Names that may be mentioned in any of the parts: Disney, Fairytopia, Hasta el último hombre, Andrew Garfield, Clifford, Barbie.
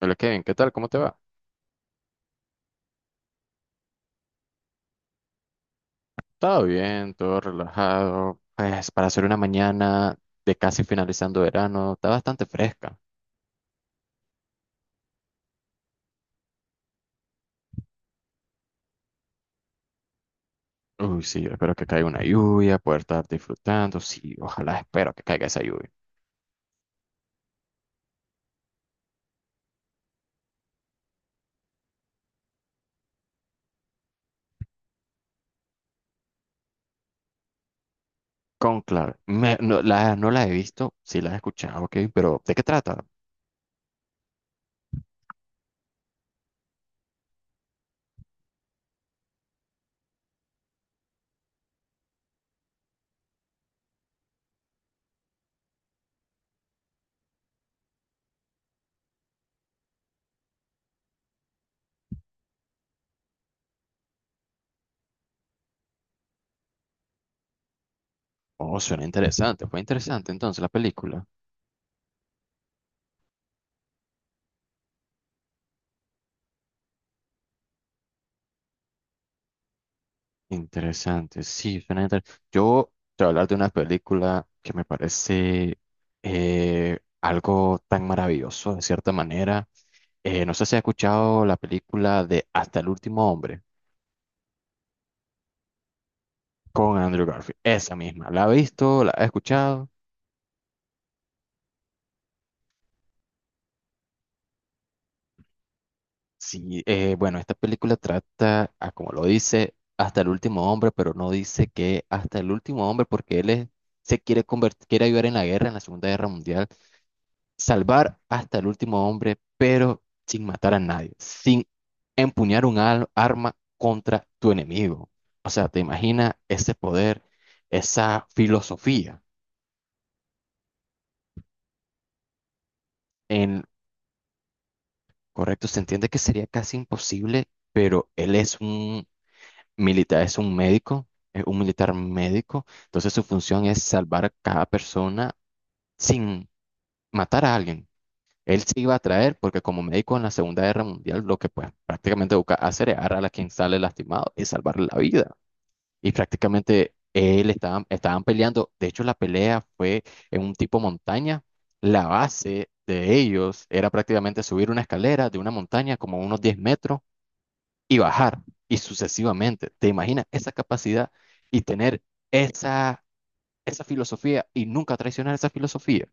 Hola Kevin, ¿qué tal? ¿Cómo te va? Todo bien, todo relajado. Pues para hacer una mañana de casi finalizando verano, está bastante fresca. Uy, sí, yo espero que caiga una lluvia, poder estar disfrutando. Sí, ojalá espero que caiga esa lluvia. Con claro, no, no la he visto, sí la he escuchado, ok, pero ¿de qué trata? Oh, suena interesante, fue interesante entonces la película. Interesante, sí, yo te voy a hablar de una película que me parece algo tan maravilloso, de cierta manera. No sé si has escuchado la película de Hasta el último hombre con Andrew Garfield, esa misma. ¿La has visto? ¿La has escuchado? Sí, bueno, esta película trata, a, como lo dice, hasta el último hombre, pero no dice que hasta el último hombre porque se quiere convertir, quiere ayudar en la guerra, en la Segunda Guerra Mundial, salvar hasta el último hombre, pero sin matar a nadie, sin empuñar un arma contra tu enemigo. O sea, te imaginas ese poder, esa filosofía. En correcto, se entiende que sería casi imposible, pero él es un militar, es un médico, es un militar médico, entonces su función es salvar a cada persona sin matar a alguien. Él sí iba a traer, porque como médico en la Segunda Guerra Mundial, lo que pues prácticamente busca hacer es agarrar a quien sale lastimado y salvarle la vida. Y prácticamente estaban peleando. De hecho, la pelea fue en un tipo montaña. La base de ellos era prácticamente subir una escalera de una montaña como unos 10 metros y bajar, y sucesivamente. ¿Te imaginas esa capacidad y tener esa, esa filosofía y nunca traicionar esa filosofía?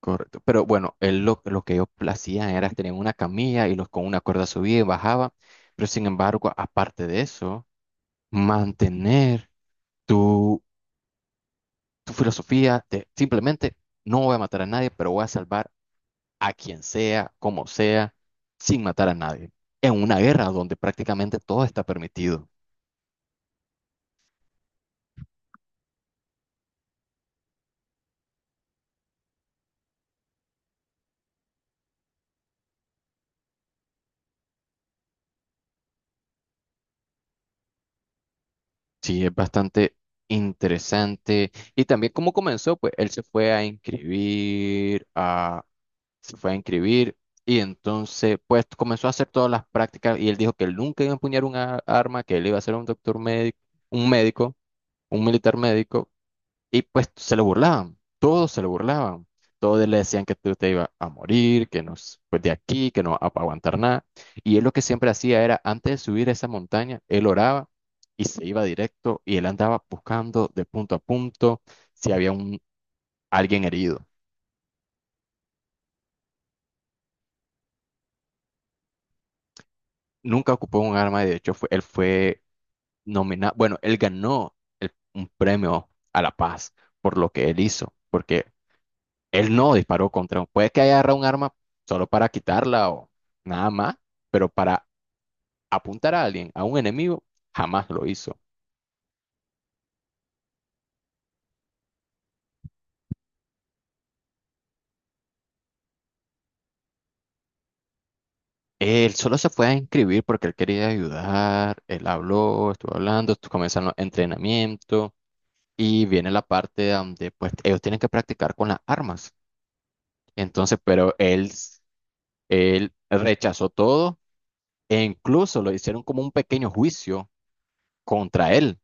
Correcto. Pero bueno, lo que ellos hacían era tener una camilla y los con una cuerda subía y bajaba. Pero sin embargo, aparte de eso, mantener tu, tu filosofía de simplemente no voy a matar a nadie, pero voy a salvar a quien sea, como sea, sin matar a nadie. En una guerra donde prácticamente todo está permitido. Sí, es bastante interesante. Y también cómo comenzó, pues él se fue a inscribir se fue a inscribir y entonces pues comenzó a hacer todas las prácticas y él dijo que él nunca iba a empuñar un arma, que él iba a ser un doctor médico, un militar médico, y pues se lo burlaban, todos se lo burlaban, todos le decían que tú te ibas a morir, que no, pues de aquí, que no vas a aguantar nada, y él lo que siempre hacía era antes de subir esa montaña, él oraba y se iba directo y él andaba buscando de punto a punto si había alguien herido. Nunca ocupó un arma, y de hecho fue, él fue bueno, él ganó un premio a la paz por lo que él hizo, porque él no disparó contra un... Puede que haya agarrado un arma solo para quitarla o nada más, pero para apuntar a alguien, a un enemigo, jamás lo hizo. Él solo se fue a inscribir porque él quería ayudar, él habló, comenzaron los entrenamientos y viene la parte donde pues ellos tienen que practicar con las armas. Entonces, él rechazó todo. E incluso lo hicieron como un pequeño juicio contra él,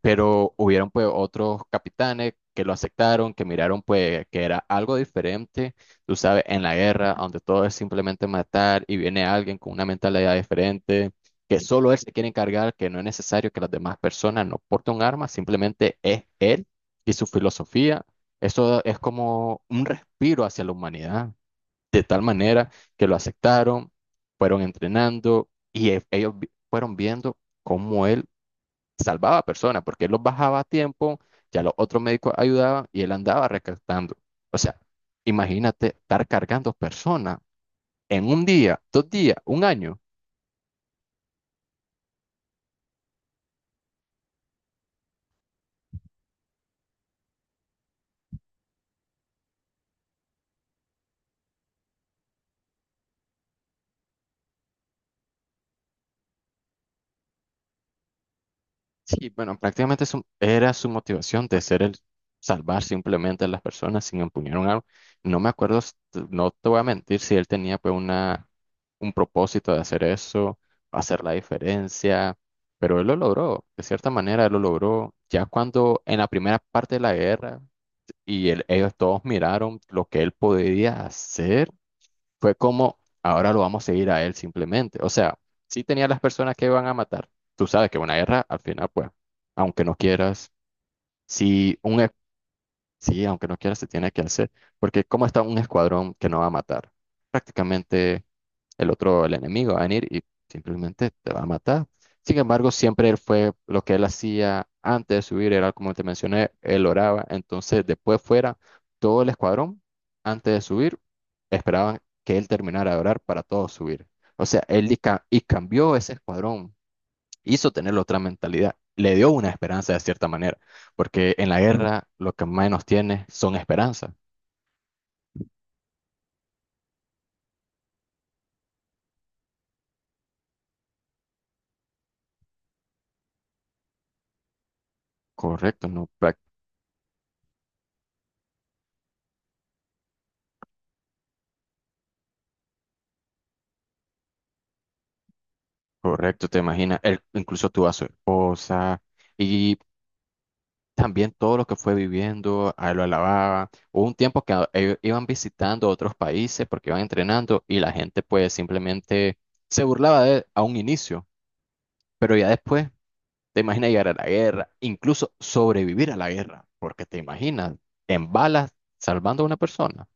pero hubieron pues otros capitanes que lo aceptaron, que miraron pues que era algo diferente, tú sabes, en la guerra, donde todo es simplemente matar y viene alguien con una mentalidad diferente, que solo él se quiere encargar, que no es necesario que las demás personas no porten un arma, simplemente es él y su filosofía. Eso es como un respiro hacia la humanidad de tal manera que lo aceptaron, fueron entrenando y fueron viendo cómo él salvaba a personas, porque él los bajaba a tiempo, ya los otros médicos ayudaban y él andaba rescatando. O sea, imagínate estar cargando personas en un día, dos días, un año. Sí, bueno, prácticamente era su motivación de ser el salvar simplemente a las personas sin empuñar un arma. No me acuerdo, no te voy a mentir si él tenía pues un propósito de hacer eso, hacer la diferencia, pero él lo logró, de cierta manera él lo logró. Ya cuando en la primera parte de la guerra ellos todos miraron lo que él podía hacer, fue como ahora lo vamos a seguir a él simplemente. O sea, sí tenía las personas que iban a matar. Tú sabes que una guerra, al final, pues, aunque no quieras, si un, e- sí, aunque no quieras, se tiene que hacer. Porque ¿cómo está un escuadrón que no va a matar? Prácticamente el enemigo, va a venir y simplemente te va a matar. Sin embargo, siempre él fue lo que él hacía antes de subir, era como te mencioné, él oraba. Entonces, después fuera todo el escuadrón, antes de subir, esperaban que él terminara de orar para todos subir. O sea, y cambió ese escuadrón, hizo tener otra mentalidad, le dio una esperanza de cierta manera, porque en la guerra lo que menos tiene son esperanzas. Correcto, ¿no? Correcto, te imaginas, él, incluso tuvo a su esposa y también todo lo que fue viviendo, a él lo alababa. Hubo un tiempo que ellos iban visitando otros países porque iban entrenando y la gente pues simplemente se burlaba de él a un inicio, pero ya después te imaginas llegar a la guerra, incluso sobrevivir a la guerra, porque te imaginas en balas salvando a una persona.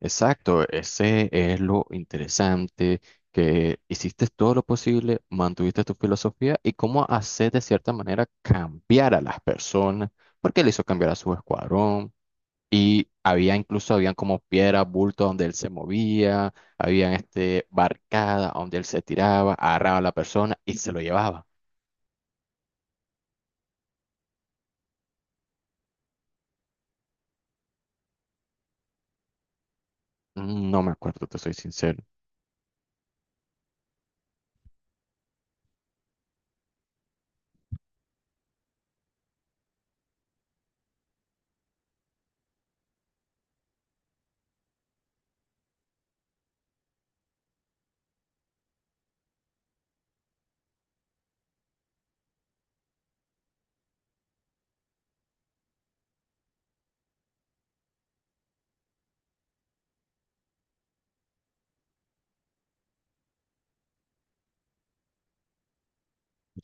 Exacto, ese es lo interesante, que hiciste todo lo posible, mantuviste tu filosofía y cómo hacer de cierta manera cambiar a las personas, porque él hizo cambiar a su escuadrón y había incluso, habían como piedras, bultos donde él se movía, habían este, barcada donde él se tiraba, agarraba a la persona y se lo llevaba. Mm, no me acuerdo, te soy sincero.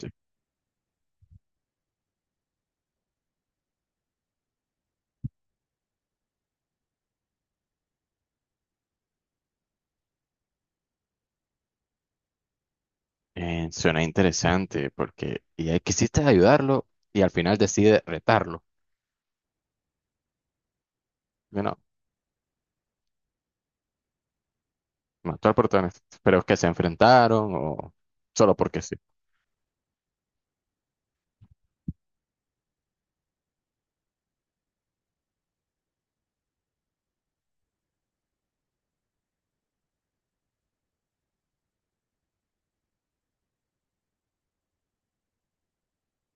Sí. Suena interesante porque y, ahí quisiste ayudarlo y al final decide retarlo. Mató al protagonista. Pero es que se enfrentaron o solo porque sí.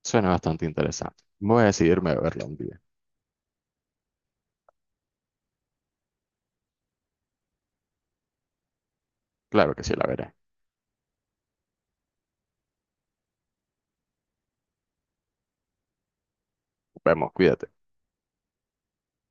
Suena bastante interesante. Voy a decidirme a verla un día. Claro que sí, la veré. Vemos, cuídate.